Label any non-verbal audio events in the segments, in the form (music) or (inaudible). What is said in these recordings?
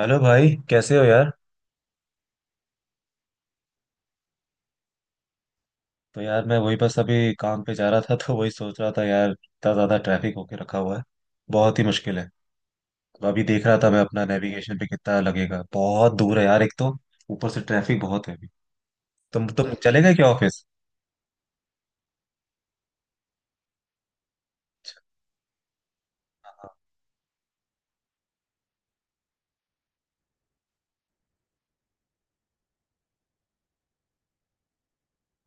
Hello भाई, कैसे हो यार? तो यार, मैं वही बस अभी काम पे जा रहा था, तो वही सोच रहा था यार, इतना ज्यादा ट्रैफिक होके रखा हुआ है। बहुत ही मुश्किल है। तो अभी देख रहा था मैं अपना नेविगेशन पे कितना लगेगा, बहुत दूर है यार। एक तो ऊपर से ट्रैफिक बहुत है अभी। तुम चलेगा क्या ऑफिस? हाँ,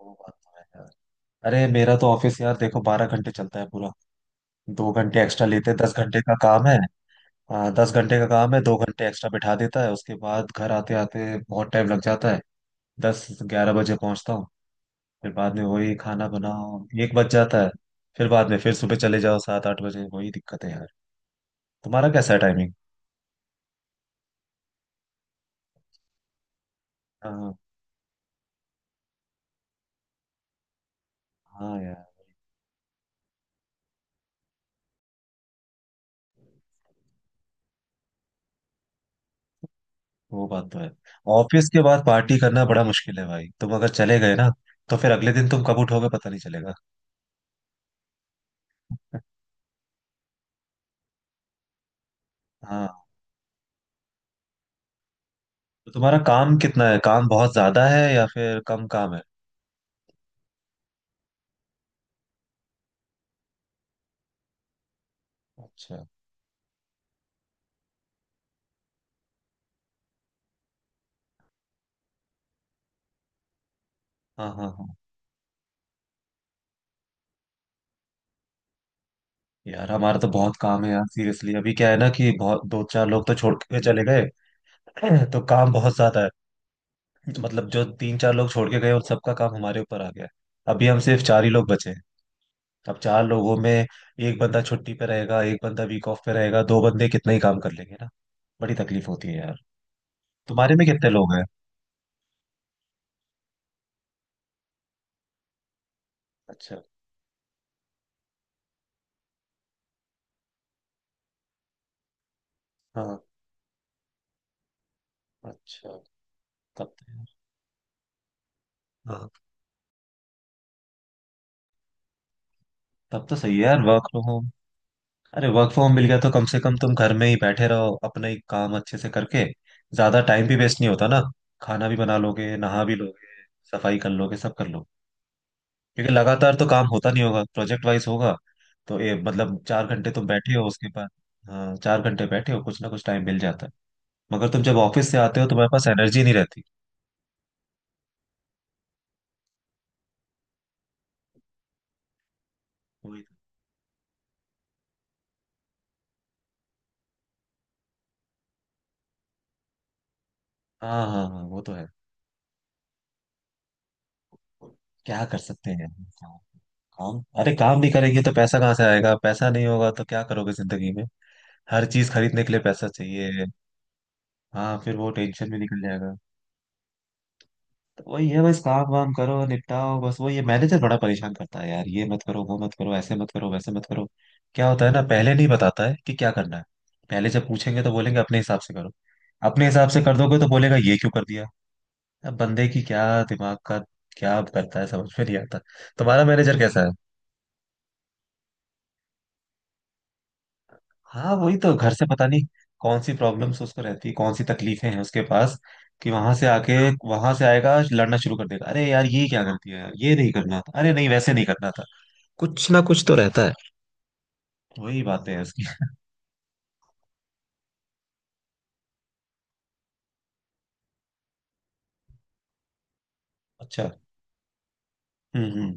वो बात तो है यार। अरे मेरा तो ऑफिस यार देखो 12 घंटे चलता है पूरा। 2 घंटे एक्स्ट्रा लेते हैं, 10 घंटे का काम है। हाँ, 10 घंटे का काम है, 2 घंटे एक्स्ट्रा बिठा देता है। उसके बाद घर आते आते बहुत टाइम लग जाता है। 10-11 बजे पहुंचता हूँ। फिर बाद में वही खाना बनाओ, 1 बज जाता है। फिर बाद में फिर सुबह चले जाओ 7-8 बजे, वही दिक्कत है यार। तुम्हारा कैसा है टाइमिंग? हाँ। हाँ यार, वो बात तो है। ऑफिस के बाद पार्टी करना बड़ा मुश्किल है भाई, तुम अगर चले गए ना तो फिर अगले दिन तुम कब उठोगे पता नहीं चलेगा। हाँ। तो तुम्हारा काम कितना है? काम बहुत ज्यादा है या फिर कम काम है? अच्छा। हाँ हाँ हाँ। यार हमारा तो बहुत काम है यार, सीरियसली। अभी क्या है ना, कि बहुत दो चार लोग तो छोड़ के चले गए। (clears throat) तो काम बहुत ज्यादा है। मतलब जो तीन चार लोग छोड़ के गए उन सबका काम हमारे ऊपर आ गया है। अभी हम सिर्फ चार ही लोग बचे हैं। अब चार लोगों में एक बंदा छुट्टी पे रहेगा, एक बंदा वीक ऑफ पे रहेगा, दो बंदे कितना ही काम कर लेंगे ना? बड़ी तकलीफ होती है यार। तुम्हारे में कितने लोग हैं? अच्छा। हाँ। अच्छा। तब तो यार, हाँ, तब तो सही है यार वर्क फ्रॉम होम। अरे वर्क फ्रॉम होम मिल गया तो कम से कम तुम घर में ही बैठे रहो अपना ही काम अच्छे से करके, ज्यादा टाइम भी वेस्ट नहीं होता ना। खाना भी बना लोगे, नहा भी लोगे, सफाई कर लोगे, सब कर लोगे। क्योंकि लगातार तो काम होता नहीं होगा, प्रोजेक्ट वाइज होगा। तो ये मतलब 4 घंटे तुम बैठे हो उसके बाद। हाँ, 4 घंटे बैठे हो, कुछ ना कुछ टाइम मिल जाता है। मगर तुम जब ऑफिस से आते हो तुम्हारे पास एनर्जी नहीं रहती। वही तो। हाँ हाँ हाँ, वो तो है। क्या कर सकते हैं यार। काम काम- अरे काम नहीं करेंगे तो पैसा कहाँ से आएगा? पैसा नहीं होगा तो क्या करोगे जिंदगी में? हर चीज खरीदने के लिए पैसा चाहिए। हाँ, फिर वो टेंशन में निकल जाएगा। वही है, बस काम वाम करो, निपटाओ, बस वही है। मैनेजर बड़ा परेशान करता है यार, ये मत करो, वो मत करो, ऐसे मत करो, वैसे मत करो। क्या होता है ना, पहले नहीं बताता है कि क्या करना है। पहले जब पूछेंगे तो बोलेंगे अपने हिसाब से करो। अपने हिसाब से कर दोगे तो बोलेगा ये क्यों कर दिया। अब बंदे की क्या, दिमाग का क्या करता है, समझ में नहीं आता। तुम्हारा मैनेजर कैसा है? हाँ वही तो, घर से पता नहीं कौन सी प्रॉब्लम्स उसको रहती, कौन सी तकलीफें हैं उसके पास, कि वहां से आके, वहां से आएगा लड़ना शुरू कर देगा, अरे यार ये क्या गलती है यार, ये नहीं करना था, अरे नहीं वैसे नहीं करना था। कुछ ना कुछ तो रहता है। वही बातें हैं उसकी। अच्छा। हम्म।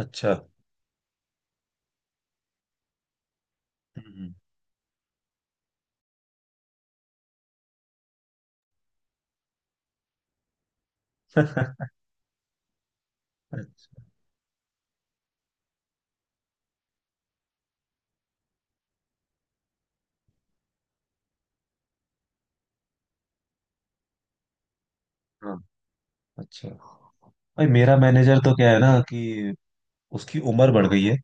अच्छा। हम्म हम्म। (laughs) अच्छा। अच्छा। भाई मेरा मैनेजर तो क्या है ना, कि उसकी उम्र बढ़ गई है।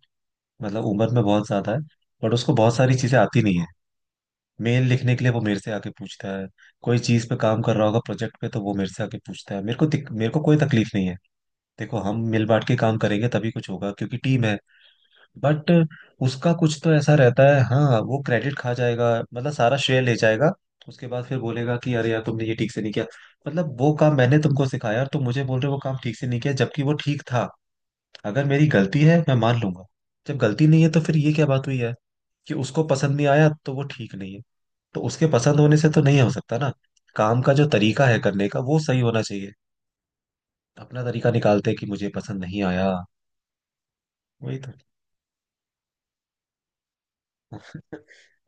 मतलब उम्र में बहुत ज्यादा है। बट उसको बहुत सारी चीजें आती नहीं है। मेल लिखने के लिए वो मेरे से आके पूछता है। कोई चीज पे काम कर रहा होगा, प्रोजेक्ट पे, तो वो मेरे से आके पूछता है। मेरे को कोई तकलीफ नहीं है। देखो हम मिल बांट के काम करेंगे तभी कुछ होगा, क्योंकि टीम है। बट उसका कुछ तो ऐसा रहता है, हाँ वो क्रेडिट खा जाएगा। मतलब सारा श्रेय ले जाएगा। उसके बाद फिर बोलेगा कि अरे यार तुमने ये ठीक से नहीं किया। मतलब वो काम मैंने तुमको सिखाया और तुम मुझे बोल रहे हो वो काम ठीक से नहीं किया, जबकि वो ठीक था। अगर मेरी गलती है मैं मान लूंगा। जब गलती नहीं है तो फिर ये क्या बात हुई है कि उसको पसंद नहीं आया तो वो ठीक नहीं है? तो उसके पसंद होने से तो नहीं हो सकता ना। काम का जो तरीका है करने का वो सही होना चाहिए। अपना तरीका निकालते हैं कि मुझे पसंद नहीं आया। वही तो।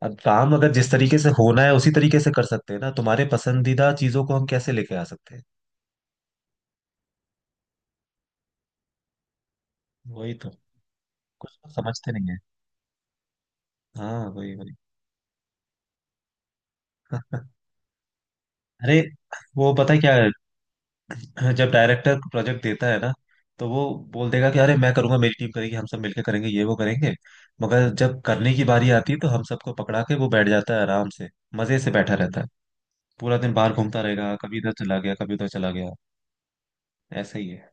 अब काम अगर जिस तरीके से होना है उसी तरीके से कर सकते हैं ना, तुम्हारे पसंदीदा चीजों को हम कैसे लेके आ सकते हैं। वही तो। कुछ लोग समझते नहीं है। हाँ वही वही। (laughs) अरे वो पता है क्या है, जब डायरेक्टर प्रोजेक्ट देता है ना, तो वो बोल देगा कि अरे मैं करूंगा, मेरी टीम करेगी, हम सब मिलके करेंगे, ये वो करेंगे। मगर जब करने की बारी आती है तो हम सबको पकड़ा के वो बैठ जाता है आराम से। मजे से बैठा रहता है, पूरा दिन बाहर घूमता रहेगा, कभी इधर चला गया कभी उधर चला गया। ऐसा ही है।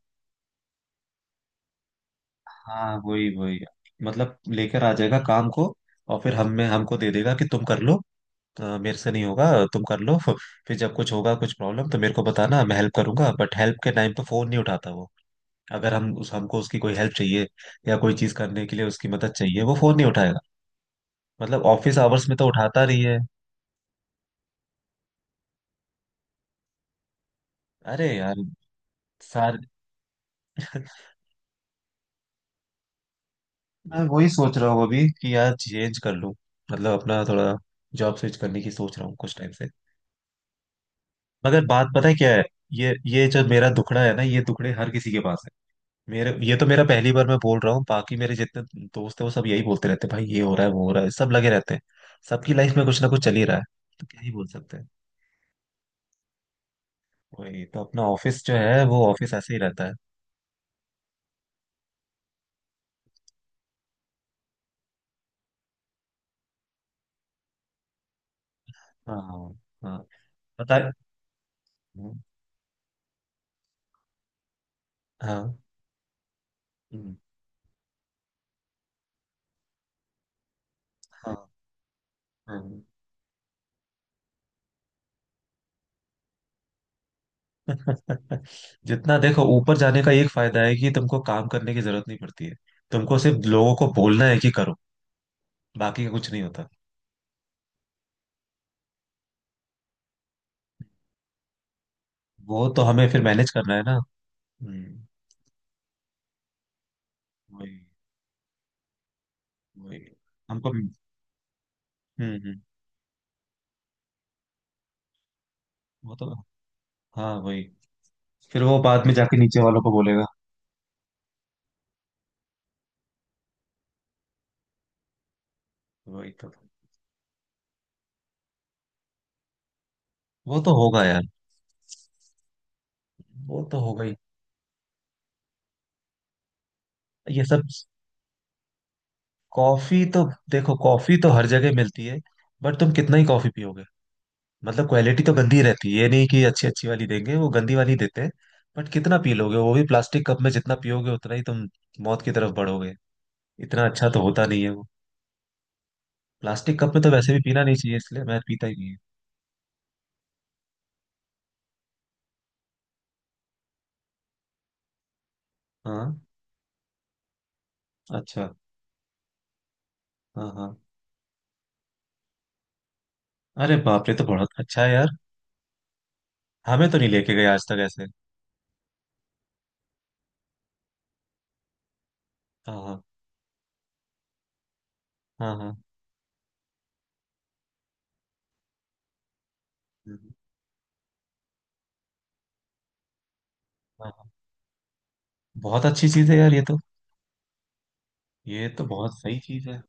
हाँ वही वही, मतलब लेकर आ जाएगा काम को। और फिर हम में हमको दे देगा कि तुम कर लो। मेरे से नहीं होगा, तुम कर लो, फिर जब कुछ होगा, कुछ प्रॉब्लम, तो मेरे को बताना, मैं हेल्प करूंगा। बट हेल्प के टाइम पे फोन नहीं उठाता वो। अगर हम उस हमको उसकी कोई हेल्प चाहिए या कोई चीज करने के लिए उसकी मदद चाहिए, वो फोन नहीं उठाएगा। मतलब ऑफिस आवर्स में तो उठाता नहीं है। अरे यार, सार, मैं वही सोच रहा हूँ अभी कि यार चेंज कर लूँ, मतलब अपना थोड़ा जॉब स्विच करने की सोच रहा हूँ कुछ टाइम से। मगर बात पता है क्या है, ये जो मेरा दुखड़ा है ना, ये दुखड़े हर किसी के पास है। मेरे, ये तो मेरा पहली बार मैं बोल रहा हूँ, बाकी मेरे जितने दोस्त हैं वो सब यही बोलते रहते हैं, भाई ये हो रहा है वो हो रहा है, सब लगे रहते हैं। सबकी लाइफ में कुछ ना कुछ चल ही रहा है। तो क्या ही बोल सकते हैं? वही तो, अपना ऑफिस जो है वो ऑफिस ऐसे ही रहता है। हाँ हाँ। पता है। हाँ। हम्म, हाँ हाँ। (laughs) जितना देखो ऊपर जाने का एक फायदा है कि तुमको काम करने की जरूरत नहीं पड़ती है। तुमको सिर्फ लोगों को बोलना है कि करो, बाकी का कुछ नहीं होता। वो तो हमें फिर मैनेज करना है ना। हम्म, वही। वही हमको। हम्म। वो तो, हाँ वही। फिर वो बाद में जाके नीचे वालों को बोलेगा। वही तो। वो तो होगा यार। वो तो होगा ही। ये सब, कॉफी तो, देखो कॉफी तो हर जगह मिलती है। बट तुम कितना ही कॉफी पियोगे, मतलब क्वालिटी तो गंदी रहती है। ये नहीं कि अच्छी अच्छी वाली देंगे, वो गंदी वाली देते हैं। बट कितना पी लोगे, वो भी प्लास्टिक कप में, जितना पियोगे उतना ही तुम मौत की तरफ बढ़ोगे। इतना अच्छा तो होता नहीं है वो। प्लास्टिक कप में तो वैसे भी पीना नहीं चाहिए, इसलिए मैं पीता ही नहीं हूँ। हाँ। अच्छा। हाँ हाँ। अरे बाप रे, तो बहुत अच्छा है यार। हमें तो नहीं लेके गए आज तक ऐसे। हाँ हाँ। हाँ हाँ। हम्म, हाँ हाँ। बहुत अच्छी चीज है यार ये तो। ये तो बहुत सही चीज है।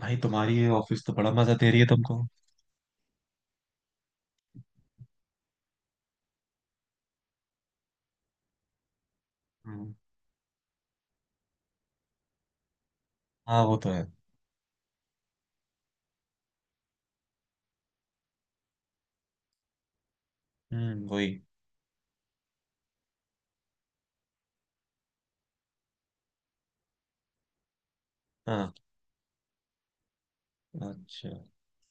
भाई तुम्हारी ये ऑफिस तो बड़ा मजा दे रही है तुमको। हम्म, हाँ, वो तो है। हम्म, वही। हाँ। अच्छा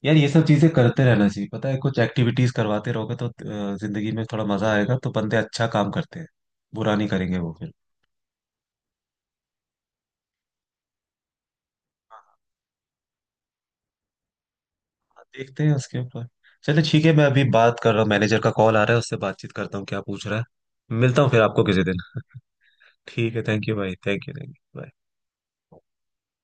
यार, ये सब चीजें करते रहना चाहिए, पता है, कुछ एक्टिविटीज करवाते रहोगे तो जिंदगी में थोड़ा मजा आएगा, तो बंदे अच्छा काम करते हैं, बुरा नहीं करेंगे वो फिर। देखते हैं उसके ऊपर। चलिए ठीक है, मैं अभी बात कर रहा हूँ, मैनेजर का कॉल आ रहा है, उससे बातचीत करता हूँ क्या पूछ रहा है। मिलता हूँ फिर आपको किसी दिन। ठीक है, थैंक यू भाई, thank you, thank you, bye.